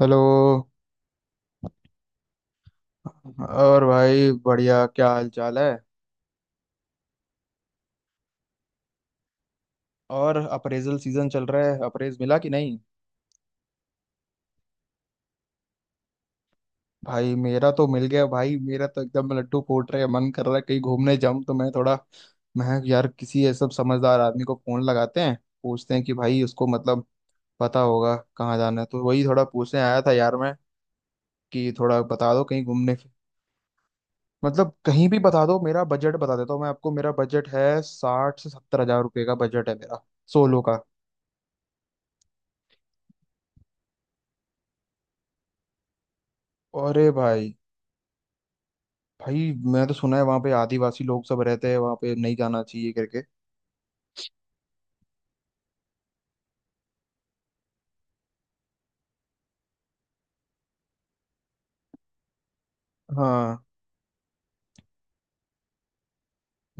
Hello. और भाई बढ़िया, क्या हाल चाल है? और अप्रेजल सीजन चल रहा है, अप्रेज मिला कि नहीं? भाई मेरा तो मिल गया, भाई मेरा तो एकदम लड्डू फूट रहे हैं, मन कर रहा है कहीं घूमने जाऊं, तो मैं थोड़ा मैं कहा, यार किसी ऐसा समझदार आदमी को फोन लगाते हैं, पूछते हैं कि भाई उसको मतलब पता होगा कहाँ जाना है, तो वही थोड़ा पूछने आया था यार मैं कि थोड़ा बता दो कहीं घूमने। मतलब कहीं भी बता दो, मेरा बजट बता देता हूँ मैं आपको, मेरा बजट है 60 से 70 हजार रुपये का बजट है मेरा, सोलो का। अरे भाई, भाई मैं तो सुना है वहाँ पे आदिवासी लोग सब रहते हैं, वहाँ पे नहीं जाना चाहिए करके। हाँ।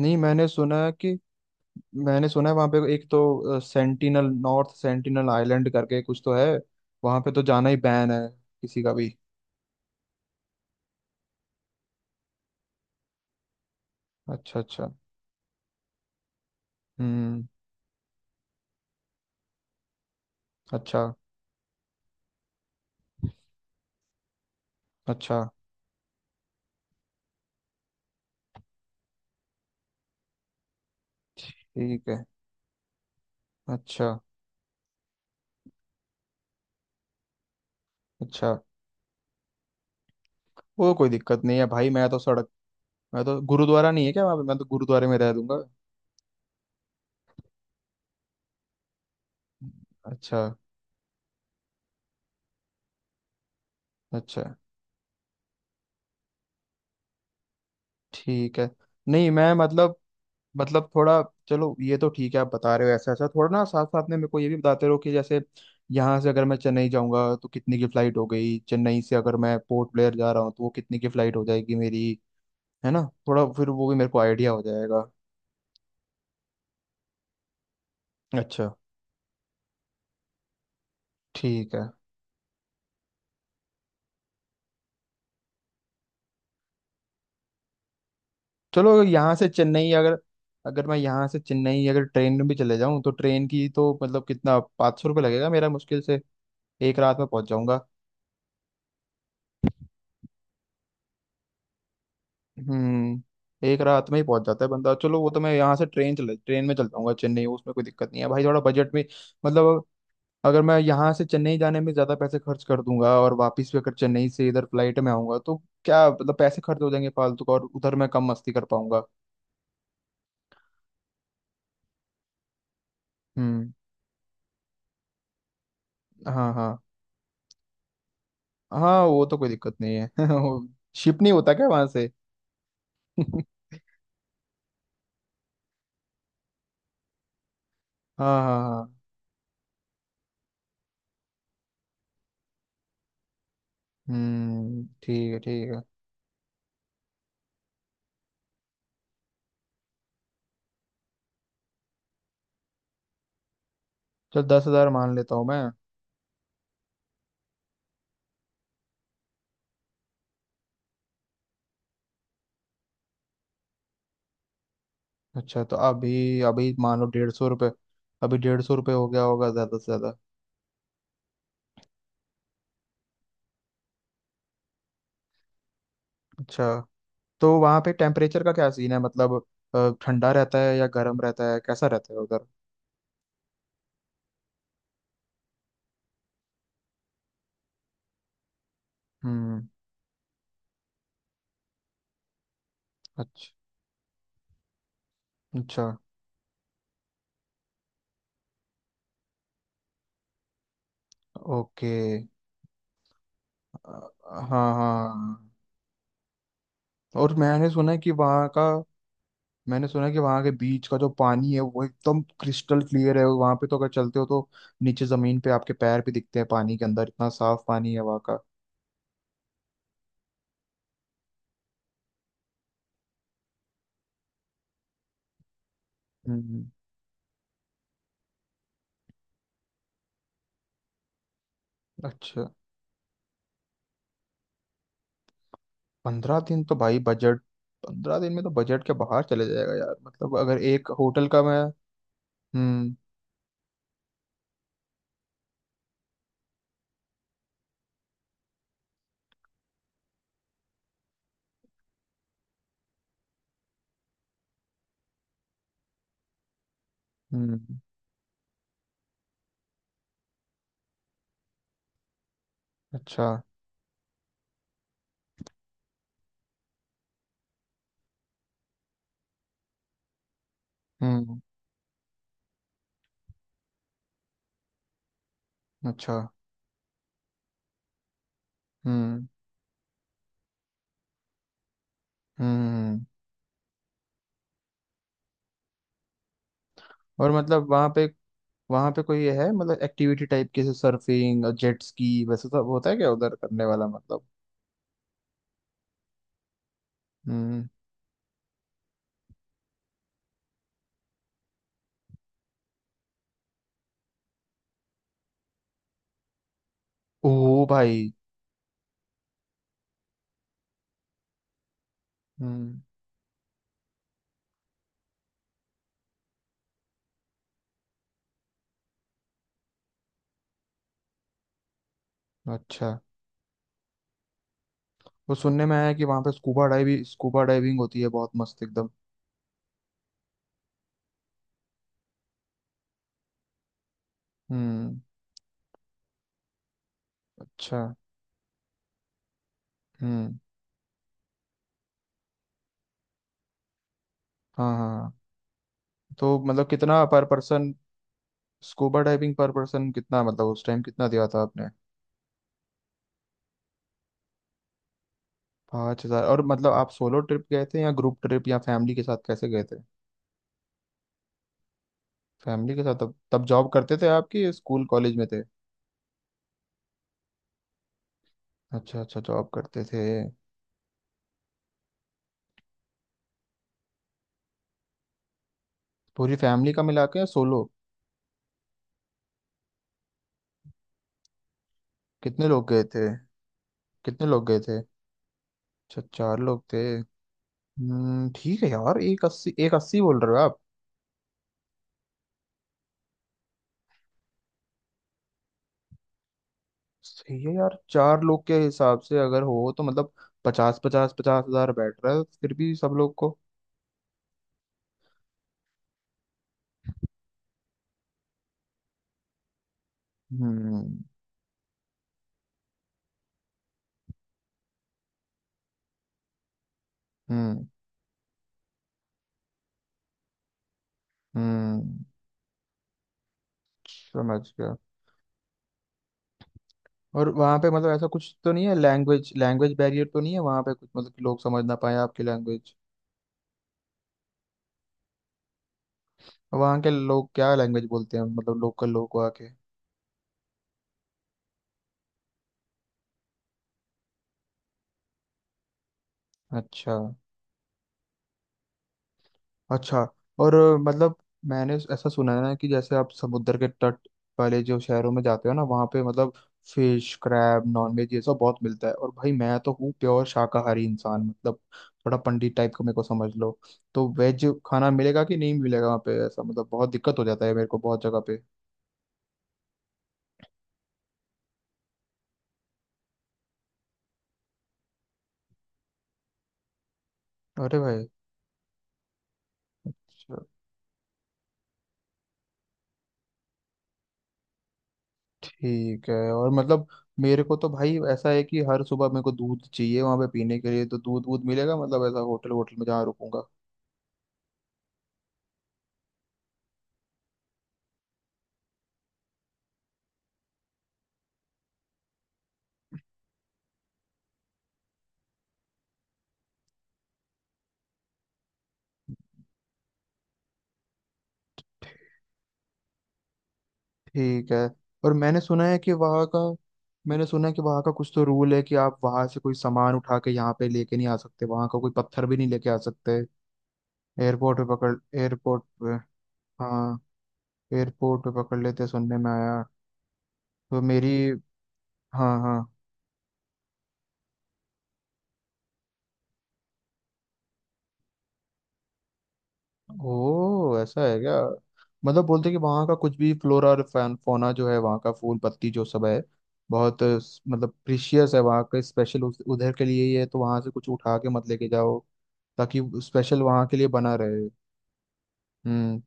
नहीं, मैंने सुना है कि मैंने सुना है वहाँ पे एक तो सेंटिनल, नॉर्थ सेंटिनल आइलैंड करके कुछ तो है, वहाँ पे तो जाना ही बैन है किसी का भी। अच्छा अच्छा। हम्म। अच्छा अच्छा, ठीक है। अच्छा अच्छा। वो कोई दिक्कत नहीं है भाई, मैं तो सड़क, मैं तो गुरुद्वारा नहीं है क्या वहाँ पे? मैं तो गुरुद्वारे में रह दूंगा। अच्छा अच्छा, ठीक है। नहीं, मैं मतलब, मतलब थोड़ा, चलो ये तो ठीक है, आप बता रहे हो ऐसा ऐसा, थोड़ा ना साथ साथ में मेरे को ये भी बताते रहो कि जैसे यहाँ से अगर मैं चेन्नई जाऊंगा तो कितने की फ्लाइट हो गई, चेन्नई से अगर मैं पोर्ट ब्लेयर जा रहा हूँ तो वो कितने की फ्लाइट हो जाएगी मेरी, है ना? थोड़ा फिर वो भी मेरे को आइडिया हो जाएगा। अच्छा, ठीक है। चलो अगर यहाँ से चेन्नई अगर, अगर मैं यहाँ से चेन्नई अगर ट्रेन में भी चले जाऊँ तो ट्रेन की तो मतलब कितना, 500 रुपये लगेगा मेरा मुश्किल से, एक रात में पहुंच जाऊंगा। हम्म, एक रात में ही पहुंच जाता है बंदा, चलो वो तो, मैं यहाँ से ट्रेन, चले ट्रेन में चल जाऊंगा चेन्नई, उसमें कोई दिक्कत नहीं है भाई, थोड़ा बजट में। मतलब अगर मैं यहाँ से चेन्नई जाने में ज्यादा पैसे खर्च कर दूंगा और वापस भी अगर चेन्नई से इधर फ्लाइट में आऊंगा तो क्या मतलब पैसे खर्च हो जाएंगे फालतू का और उधर मैं कम मस्ती कर पाऊंगा। हम्म, हाँ हाँ। हाँ वो तो कोई दिक्कत नहीं है वो शिप नहीं होता क्या वहां से? हाँ हाँ हाँ। हम्म, ठीक है ठीक है। चल 10 हजार मान लेता हूँ मैं। अच्छा तो अभी अभी मान लो 150 रुपये, अभी 150 रुपये हो गया होगा ज़्यादा से ज़्यादा। अच्छा, तो वहाँ पे टेम्परेचर का क्या सीन है मतलब, ठंडा रहता है या गर्म रहता है, कैसा रहता है उधर? हम्म। अच्छा अच्छा। ओके। हाँ हाँ हाँ। और मैंने सुना है कि वहाँ का, मैंने सुना है कि वहाँ के बीच का जो पानी है वो एकदम क्रिस्टल क्लियर है, वहाँ पे तो अगर चलते हो तो नीचे ज़मीन पे आपके पैर भी दिखते हैं पानी के अंदर, इतना साफ पानी है वहाँ का। हम्म। अच्छा, 15 दिन तो भाई बजट, 15 दिन में तो बजट के बाहर चले जाएगा यार, मतलब अगर एक होटल का मैं, हम्म हम्म। अच्छा। हम्म। अच्छा। हम्म हम्म। और मतलब वहाँ पे, वहाँ पे कोई ये है मतलब एक्टिविटी टाइप के, सर्फिंग, जेट स्की, वैसे सब होता है क्या उधर करने वाला मतलब? हम्म। ओ भाई। हम्म। अच्छा, वो सुनने में आया है कि वहाँ पे स्कूबा डाइविंग, स्कूबा डाइविंग होती है बहुत मस्त एकदम। हम्म। अच्छा। हम्म। हाँ हाँ हाँ। तो मतलब कितना per person, scuba diving per person कितना, मतलब उस टाइम कितना दिया था आपने? 5 हजार, और मतलब आप सोलो ट्रिप गए थे या ग्रुप ट्रिप या फैमिली के साथ कैसे गए थे? फैमिली के साथ, तब तब जॉब करते थे आपकी? स्कूल कॉलेज में थे? अच्छा अच्छा जॉब करते थे। पूरी फैमिली का मिला के या सोलो? कितने लोग गए थे? कितने लोग गए थे? अच्छा चार लोग थे। ठीक है यार, एक अस्सी, एक अस्सी बोल रहे हो आप। सही है यार, चार लोग के हिसाब से अगर हो तो मतलब पचास पचास पचास हजार बैठ रहा है फिर भी सब लोग को। हम्म हम्म। हम्म, समझ गया। और वहाँ पे मतलब ऐसा कुछ तो नहीं है, लैंग्वेज, लैंग्वेज बैरियर तो नहीं है वहाँ पे कुछ मतलब कि लोग समझ ना पाए आपकी लैंग्वेज? वहाँ के लोग क्या लैंग्वेज बोलते हैं, मतलब लोकल लोग वहाँ के? अच्छा अच्छा। और मतलब मैंने ऐसा सुना है ना कि जैसे आप समुद्र के तट वाले जो शहरों में जाते हो ना, वहाँ पे मतलब फिश, क्रैब, नॉनवेज, ये सब बहुत मिलता है, और भाई मैं तो हूँ प्योर शाकाहारी इंसान, मतलब थोड़ा पंडित टाइप का मेरे को समझ लो। तो वेज खाना मिलेगा कि नहीं मिलेगा वहाँ पे? ऐसा मतलब बहुत दिक्कत हो जाता है मेरे को बहुत जगह पे। अरे भाई। अच्छा, ठीक है, और मतलब मेरे को तो भाई ऐसा है कि हर सुबह मेरे को दूध चाहिए वहाँ पे पीने के लिए, तो दूध वूध मिलेगा, मतलब ऐसा होटल होटल में जहाँ रुकूंगा? ठीक है। और मैंने सुना है कि वहाँ का, मैंने सुना है कि वहाँ का कुछ तो रूल है कि आप वहाँ से कोई सामान उठा के यहाँ पे लेके नहीं आ सकते, वहाँ का कोई पत्थर भी नहीं लेके आ सकते। एयरपोर्ट पे पकड़, एयरपोर्ट पे, हाँ, एयरपोर्ट पे पकड़ लेते सुनने में आया। तो मेरी, हाँ हाँ। ओ, ऐसा है क्या? मतलब बोलते कि वहाँ का कुछ भी फ्लोरा और फौना जो है वहाँ का, फूल पत्ती जो सब है, बहुत मतलब प्रीशियस है वहाँ का, स्पेशल उधर के लिए ही है तो वहाँ से कुछ उठा के मत लेके जाओ, ताकि स्पेशल वहां के लिए बना रहे। हम्म।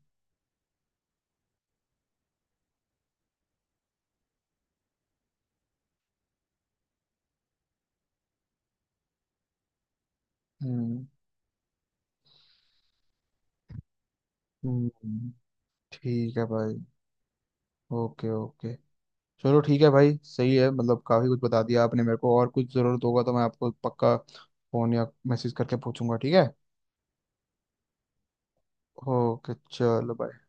हम्म। हम्म, ठीक है भाई। Okay okay. चलो ठीक है भाई, सही है, मतलब काफी कुछ बता दिया आपने मेरे को, और कुछ जरूरत होगा तो मैं आपको पक्का फोन या मैसेज करके पूछूंगा, ठीक है? ओके चलो भाई।